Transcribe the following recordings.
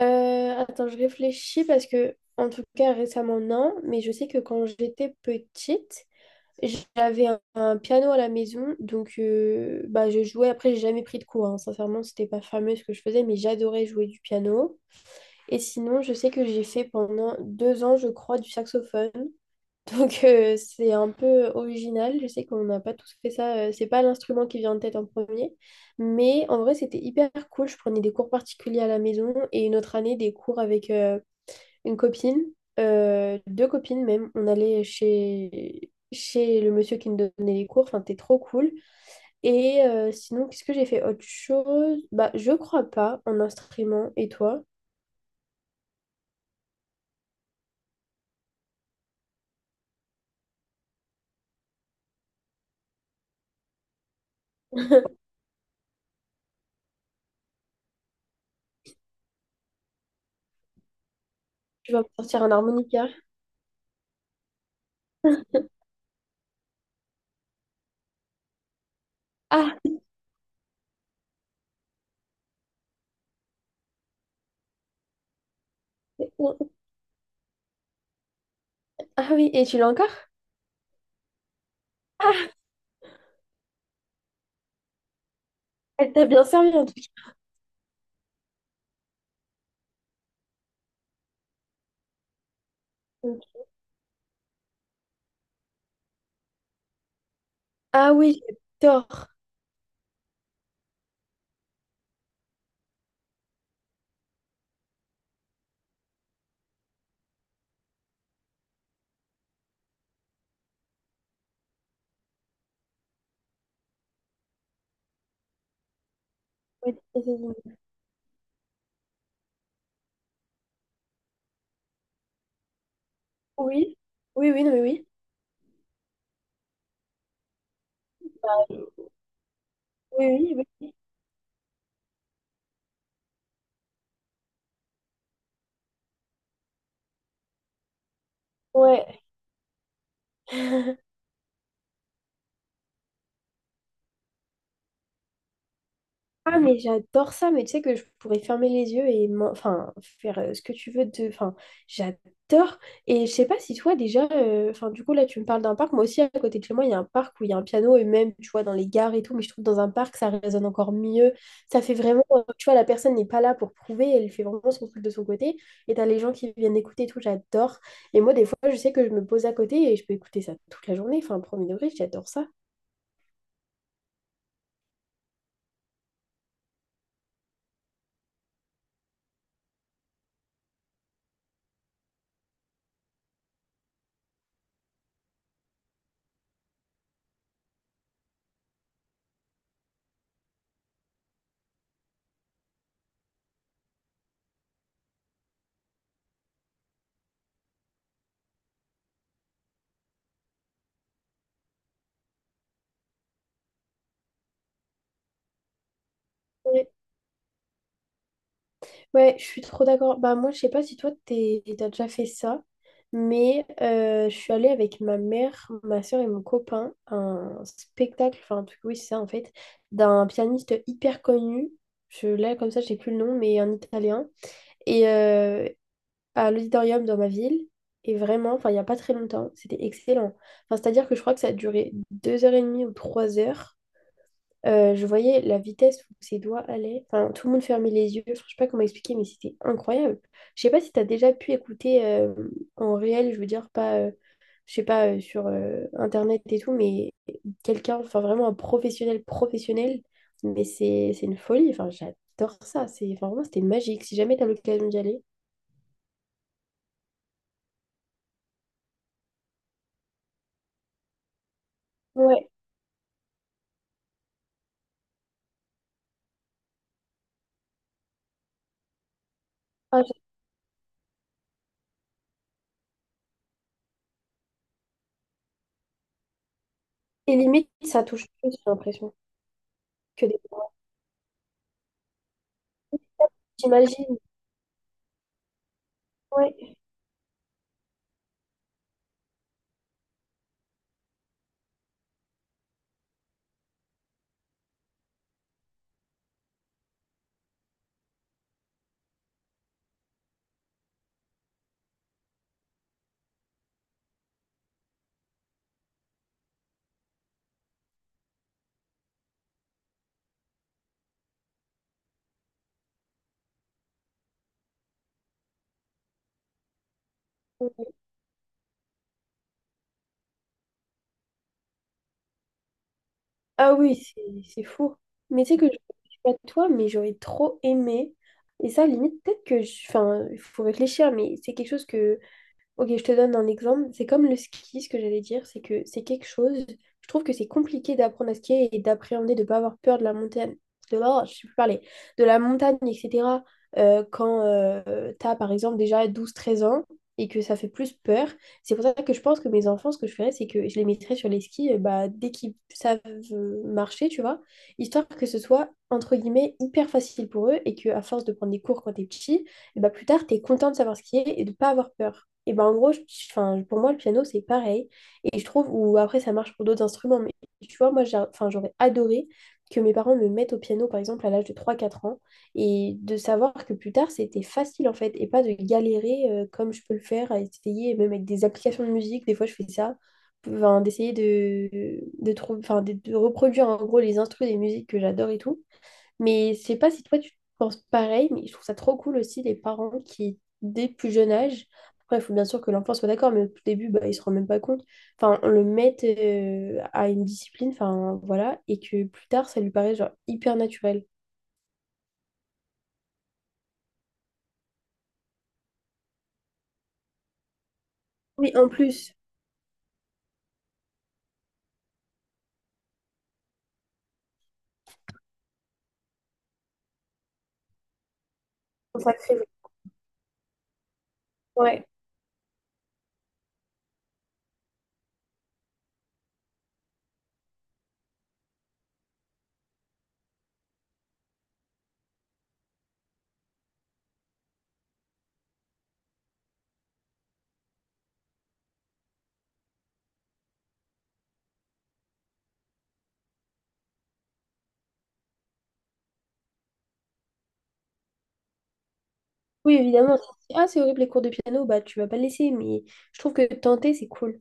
Attends, je réfléchis parce que, en tout cas, récemment, non, mais je sais que quand j'étais petite, j'avais un piano à la maison, donc bah, je jouais. Après, j'ai jamais pris de cours, hein. Sincèrement, c'était pas fameux ce que je faisais, mais j'adorais jouer du piano. Et sinon, je sais que j'ai fait pendant 2 ans, je crois, du saxophone. Donc c'est un peu original. Je sais qu'on n'a pas tous fait ça. C'est pas l'instrument qui vient en tête en premier. Mais en vrai, c'était hyper cool. Je prenais des cours particuliers à la maison et une autre année des cours avec une copine, deux copines même. On allait chez le monsieur qui nous donnait les cours. Enfin, c'était trop cool. Et sinon, qu'est-ce que j'ai fait autre chose? Bah, je crois pas en instrument. Et toi? Tu vas me sortir un harmonica. Ah, ah oui, et tu l'as encore? Ah. Elle t'a bien servi en tout cas. Ah oui, j'adore. Oui, oui, oui, non, mais oui. Oui, oui, oui. Ouais. Ah, mais j'adore ça, mais tu sais que je pourrais fermer les yeux et enfin, faire ce que tu veux de, enfin, j'adore. Et je sais pas si toi déjà, enfin, du coup, là, tu me parles d'un parc. Moi aussi, à côté de chez moi, il y a un parc où il y a un piano et même, tu vois, dans les gares et tout, mais je trouve que dans un parc, ça résonne encore mieux. Ça fait vraiment, tu vois, la personne n'est pas là pour prouver, elle fait vraiment son truc de son côté. Et t'as les gens qui viennent écouter et tout, j'adore. Et moi, des fois, je sais que je me pose à côté et je peux écouter ça toute la journée. Enfin, premier degré, j'adore ça. Ouais, ouais, je suis trop d'accord. Bah moi, je sais pas si toi, t'as déjà fait ça, mais je suis allée avec ma mère, ma soeur et mon copain à un spectacle, enfin un truc, oui, c'est ça en fait, d'un pianiste hyper connu. Là, comme ça, je sais plus le nom, mais un italien. Et, à l'auditorium dans ma ville. Et vraiment, enfin, il n'y a pas très longtemps, c'était excellent. Enfin, c'est-à-dire que je crois que ça a duré 2 heures et demie ou 3 heures. Je voyais la vitesse où ses doigts allaient. Enfin, tout le monde fermait les yeux. Enfin, je sais pas comment expliquer, mais c'était incroyable. Je sais pas si tu as déjà pu écouter en réel, je veux dire, pas, je sais pas, sur Internet et tout, mais quelqu'un, enfin, vraiment un professionnel, professionnel. Mais c'est une folie. Enfin, j'adore ça. C'est, enfin, vraiment, c'était magique. Si jamais tu as l'occasion d'y aller. Ouais. Ah. Et limite, ça touche plus, j'ai l'impression, que des parents. J'imagine. Ouais. Ah oui, c'est fou. Mais tu sais que je sais pas toi, mais j'aurais trop aimé. Et ça, limite, peut-être que je, enfin, il faut réfléchir, mais c'est quelque chose que. Ok, je te donne un exemple. C'est comme le ski, ce que j'allais dire, c'est que c'est quelque chose. Je trouve que c'est compliqué d'apprendre à skier et d'appréhender, de ne pas avoir peur de la montagne, je sais plus parler, de la montagne, etc. Quand tu as, par exemple, déjà 12-13 ans et que ça fait plus peur. C'est pour ça que je pense que mes enfants, ce que je ferais, c'est que je les mettrais sur les skis bah, dès qu'ils savent marcher, tu vois, histoire que ce soit, entre guillemets, hyper facile pour eux et que à force de prendre des cours quand tu es petit, et bah, plus tard, t'es content de savoir skier et de pas avoir peur. Et ben en gros, enfin, pour moi, le piano, c'est pareil. Et je trouve, ou après, ça marche pour d'autres instruments, mais tu vois, moi, enfin, j'aurais adoré que mes parents me mettent au piano, par exemple, à l'âge de trois quatre ans, et de savoir que plus tard, c'était facile, en fait, et pas de galérer comme je peux le faire, à essayer, même avec des applications de musique, des fois, je fais ça, enfin, d'essayer enfin, de reproduire, en gros, les instruments des musiques que j'adore et tout. Mais je sais pas si toi tu penses pareil, mais je trouve ça trop cool aussi les parents qui, dès plus jeune âge, après il faut bien sûr que l'enfant soit d'accord, mais au tout début, bah, il se rend même pas compte, enfin, on le mette à une discipline, enfin voilà, et que plus tard ça lui paraît genre hyper naturel. Oui, en plus, on s'accroche. Ouais. Oui, évidemment. Ah, c'est horrible les cours de piano, bah tu vas pas le laisser, mais je trouve que tenter c'est cool.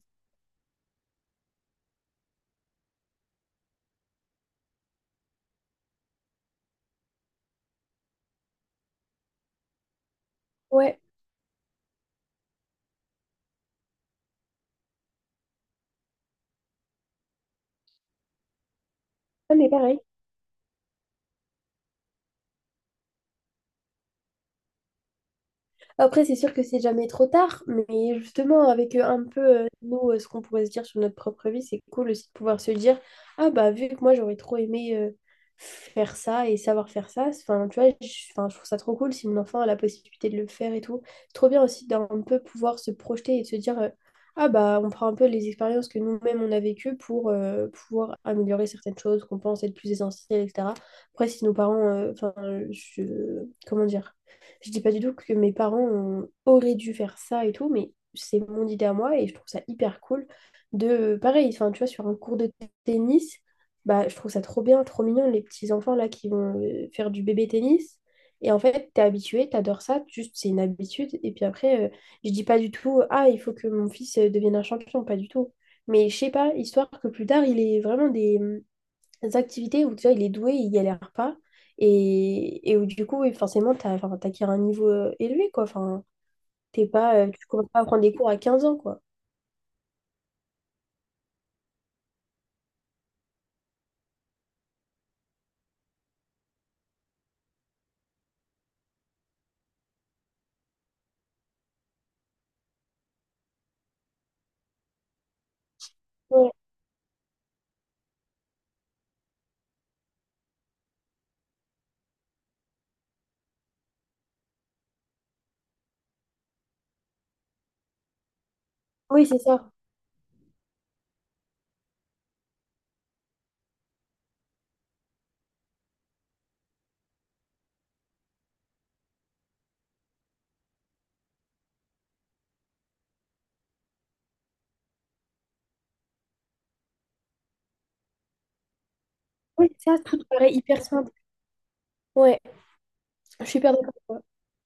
Ouais. Ah, mais pareil. Après, c'est sûr que c'est jamais trop tard, mais justement, avec un peu, nous, ce qu'on pourrait se dire sur notre propre vie, c'est cool aussi de pouvoir se dire, ah bah, vu que moi, j'aurais trop aimé faire ça et savoir faire ça, enfin, tu vois, je, 'fin, je trouve ça trop cool si mon enfant a la possibilité de le faire et tout. C'est trop bien aussi d'un peu pouvoir se projeter et de se dire, ah bah, on prend un peu les expériences que nous-mêmes, on a vécues pour pouvoir améliorer certaines choses qu'on pense être plus essentielles, etc. Après, si nos parents, enfin, je, comment dire? Je dis pas du tout que mes parents auraient dû faire ça et tout, mais c'est mon idée à moi et je trouve ça hyper cool de, pareil, enfin, tu vois, sur un cours de tennis, bah, je trouve ça trop bien, trop mignon, les petits enfants là qui vont faire du bébé tennis. Et en fait, t'es habitué, t'adores ça, juste c'est une habitude. Et puis après, je dis pas du tout, ah, il faut que mon fils devienne un champion, pas du tout. Mais je sais pas, histoire que plus tard, il ait vraiment des activités où déjà il est doué, il galère pas, et où du coup, oui, forcément, t'as, enfin, t'acquiers un niveau élevé, quoi. Enfin, t'es pas, tu commences pas à prendre des cours à 15 ans, quoi. Ouais. Oui, c'est ça. Oui, c'est ça, tout te paraît hyper simple. Ouais, je suis hyper d'accord. Ouais.